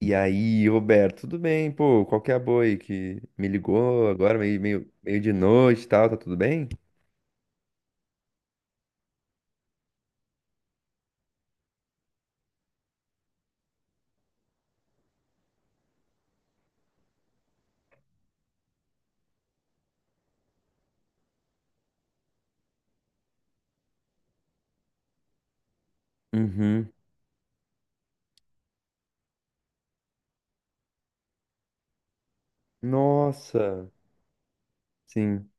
E aí, Roberto, tudo bem? Pô, qual que é a boa aí que me ligou agora, meio de noite e tal, tá tudo bem? Uhum. Nossa, sim.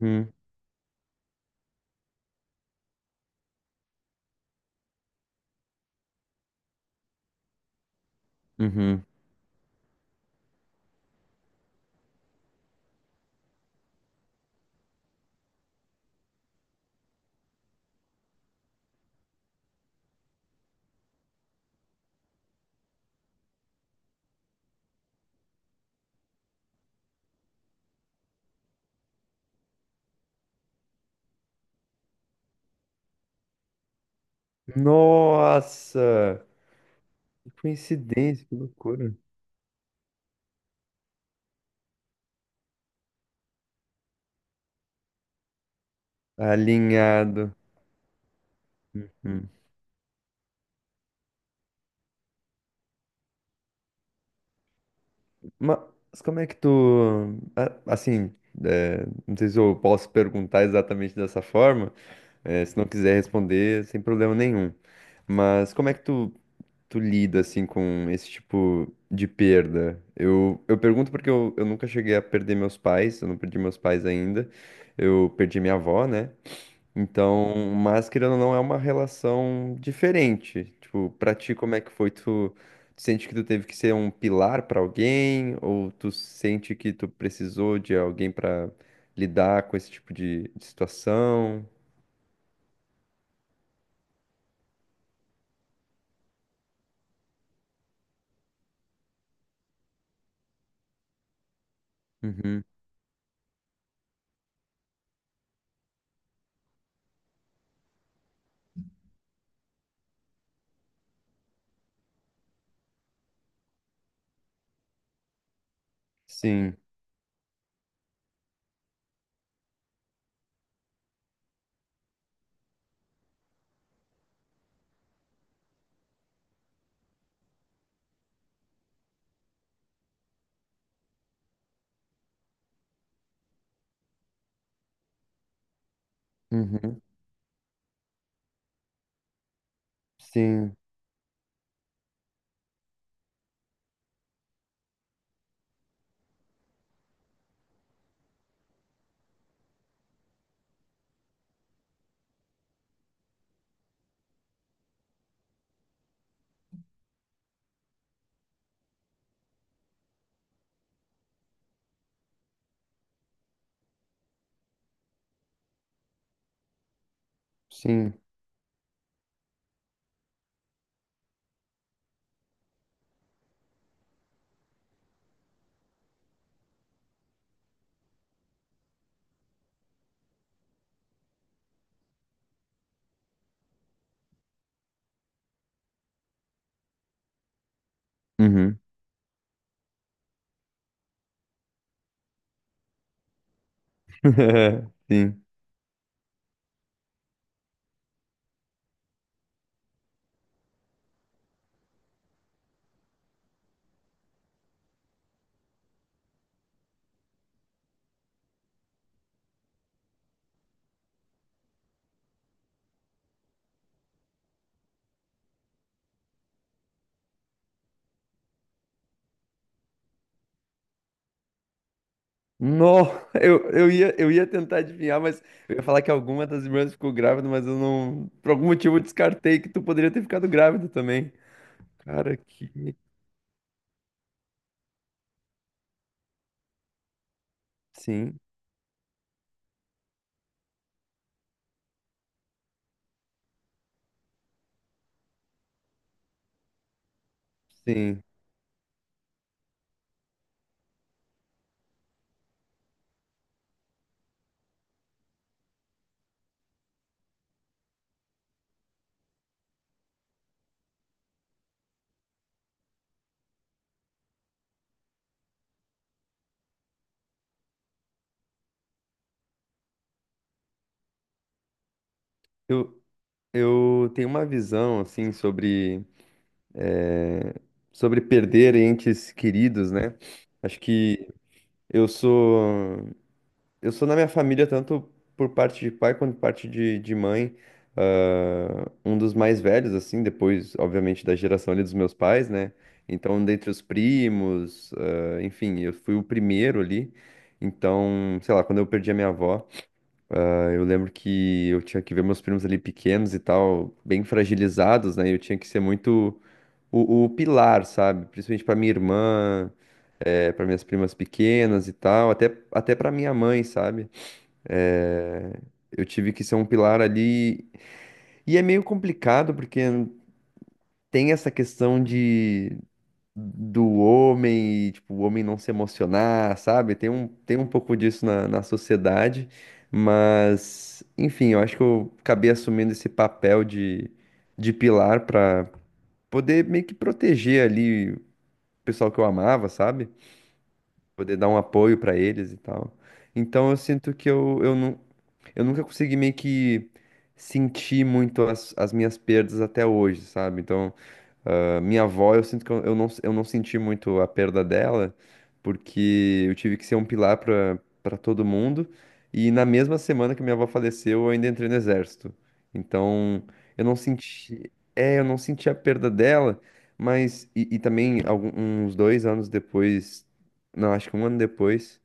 Uhum. Uhum. Nossa, que coincidência, que loucura. Alinhado. Hum. Mas como é que tu. A- Assim, é, não sei se eu posso perguntar exatamente dessa forma, é, se não quiser responder, sem problema nenhum. Mas como é que tu lida assim com esse tipo de perda? Eu pergunto porque eu nunca cheguei a perder meus pais, eu não perdi meus pais ainda. Eu perdi minha avó, né? Então, mas querendo ou não, é uma relação diferente. Tipo, pra ti, como é que foi? Tu, tu sente que tu teve que ser um pilar pra alguém? Ou tu sente que tu precisou de alguém pra lidar com esse tipo de situação? Uhum. Sim. Uhum. Sim. Sim. Uhum. Sim. Não, eu ia tentar adivinhar, mas eu ia falar que alguma das irmãs ficou grávida, mas eu não. Por algum motivo eu descartei que tu poderia ter ficado grávida também. Cara, que. Sim, sim. Eu, eu tenho uma visão, assim, sobre. eh, sobre perder entes queridos, né? Acho que eu sou. Eu sou na minha família, tanto por parte de pai quanto por parte de mãe, um dos mais velhos, assim, depois, obviamente, da geração ali dos meus pais, né? Então, dentre os primos, enfim, eu fui o primeiro ali. Então, sei lá, quando eu perdi a minha avó, eu lembro que eu tinha que ver meus primos ali pequenos e tal, bem fragilizados, né? Eu tinha que ser muito o pilar, sabe? Principalmente pra minha irmã, para minhas primas pequenas e tal, até, até para minha mãe, sabe? É, eu tive que ser um pilar ali. E é meio complicado, porque tem essa questão de do homem e tipo, o homem não se emocionar, sabe? Tem um pouco disso na, na sociedade, mas enfim, eu acho que eu acabei assumindo esse papel de pilar para poder meio que proteger ali o pessoal que eu amava, sabe? Poder dar um apoio para eles e tal. Então eu sinto que eu nunca consegui meio que sentir muito as, as minhas perdas até hoje, sabe? Então, ah, minha avó, eu sinto que eu não senti muito a perda dela, porque eu tive que ser um pilar para para todo mundo. E na mesma semana que minha avó faleceu, eu ainda entrei no exército. Então, eu não senti, é, eu não senti a perda dela, mas e também algum, uns dois anos depois, não, acho que um ano depois.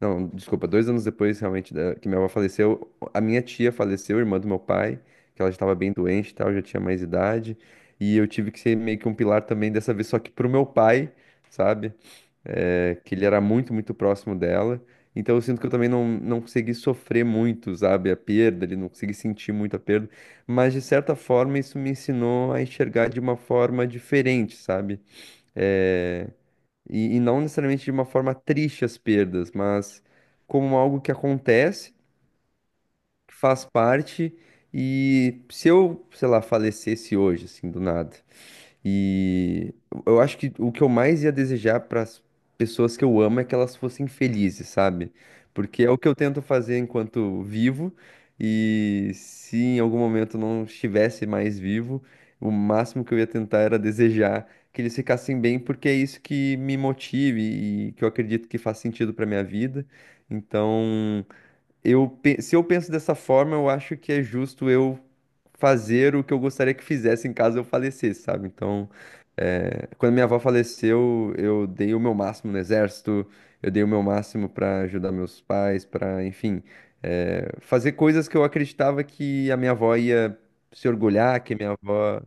Não, desculpa, dois anos depois que minha avó faleceu, a minha tia faleceu, irmã do meu pai, que ela já estava bem doente e tal, já tinha mais idade, e eu tive que ser meio que um pilar também dessa vez, só que pro meu pai, sabe? É, que ele era muito, muito próximo dela, então eu sinto que eu também não, não consegui sofrer muito, sabe? A perda, ele não consegui sentir muito a perda, mas de certa forma isso me ensinou a enxergar de uma forma diferente, sabe? Eh, e não necessariamente de uma forma triste as perdas, mas como algo que acontece, que faz parte, e se eu, sei lá, falecesse hoje, assim, do nada. E eu acho que o que eu mais ia desejar para as pessoas que eu amo é que elas fossem felizes, sabe? Porque é o que eu tento fazer enquanto vivo, e se em algum momento não estivesse mais vivo, o máximo que eu ia tentar era desejar que eles ficassem bem, porque é isso que me motive e que eu acredito que faz sentido para minha vida. Então, se eu penso dessa forma, eu acho que é justo eu fazer o que eu gostaria que fizesse em caso eu falecesse, sabe? Então, quando minha avó faleceu, eu dei o meu máximo no exército, eu dei o meu máximo para ajudar meus pais, para enfim, fazer coisas que eu acreditava que a minha avó ia se orgulhar, que a minha avó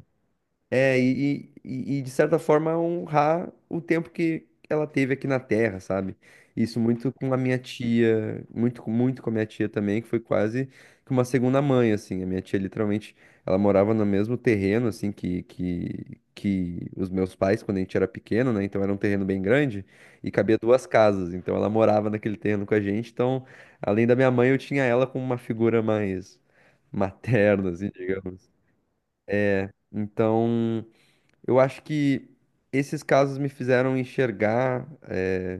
é, e de certa forma honrar o tempo que ela teve aqui na Terra, sabe? Isso muito com a minha tia, muito com a minha tia também, que foi quase que uma segunda mãe, assim. A minha tia, literalmente, ela morava no mesmo terreno, assim, que os meus pais, quando a gente era pequeno, né? Então era um terreno bem grande e cabia duas casas. Então ela morava naquele terreno com a gente. Então, além da minha mãe, eu tinha ela como uma figura mais materna, assim, digamos. Então. Eu acho que esses casos me fizeram enxergar,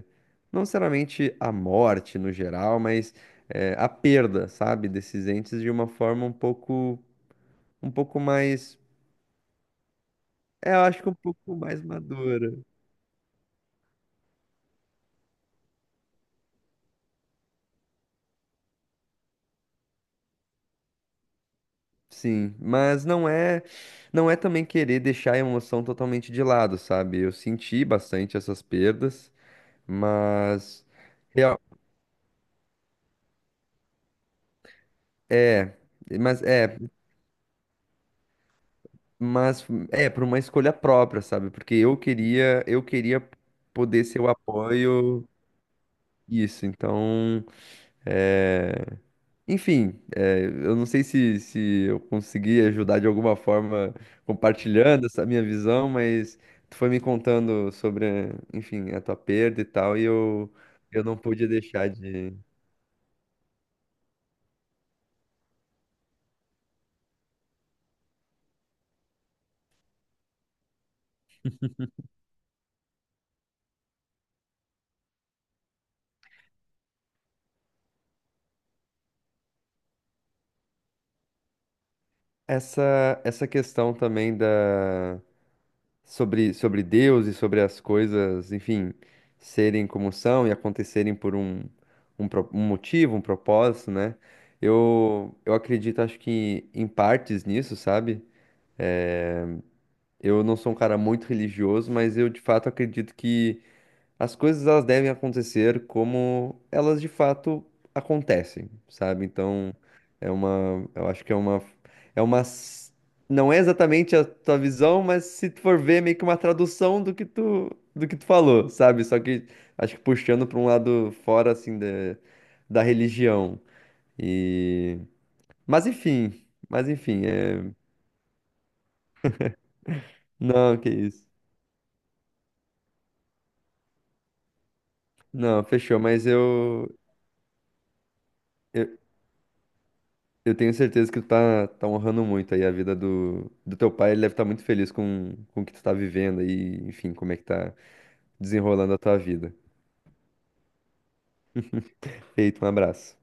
não necessariamente a morte no geral, mas a perda, sabe, desses entes de uma forma um pouco, um pouco mais, é, eu acho que um pouco mais madura. Sim, mas não é também querer deixar a emoção totalmente de lado, sabe? Eu senti bastante essas perdas, mas real- é, mas é, Mas é por uma escolha própria, sabe? Porque eu queria poder ser o apoio isso. Então, é... enfim, é, eu não sei se, se eu consegui ajudar de alguma forma compartilhando essa minha visão, mas tu foi me contando sobre, enfim, a tua perda e tal, e eu não pude deixar de essa questão também da sobre, sobre Deus e sobre as coisas, enfim, serem como são e acontecerem por um motivo, um propósito, né? Eu acredito, acho que em partes nisso, sabe? Eu não sou um cara muito religioso, mas eu de fato acredito que as coisas elas devem acontecer como elas de fato acontecem, sabe? Então, é uma, eu acho que é uma, s- não é exatamente a tua visão, mas se tu for ver, é meio que uma tradução do que tu falou, sabe? Só que acho que puxando para um lado fora assim da, da religião. E, mas enfim, mas enfim, é, não, que isso. Não, fechou, mas eu eu tenho certeza que tu tá, tá honrando muito aí a vida do, do teu pai. Ele deve estar muito feliz com o que tu tá vivendo aí, enfim, como é que tá desenrolando a tua vida. Feito, um abraço.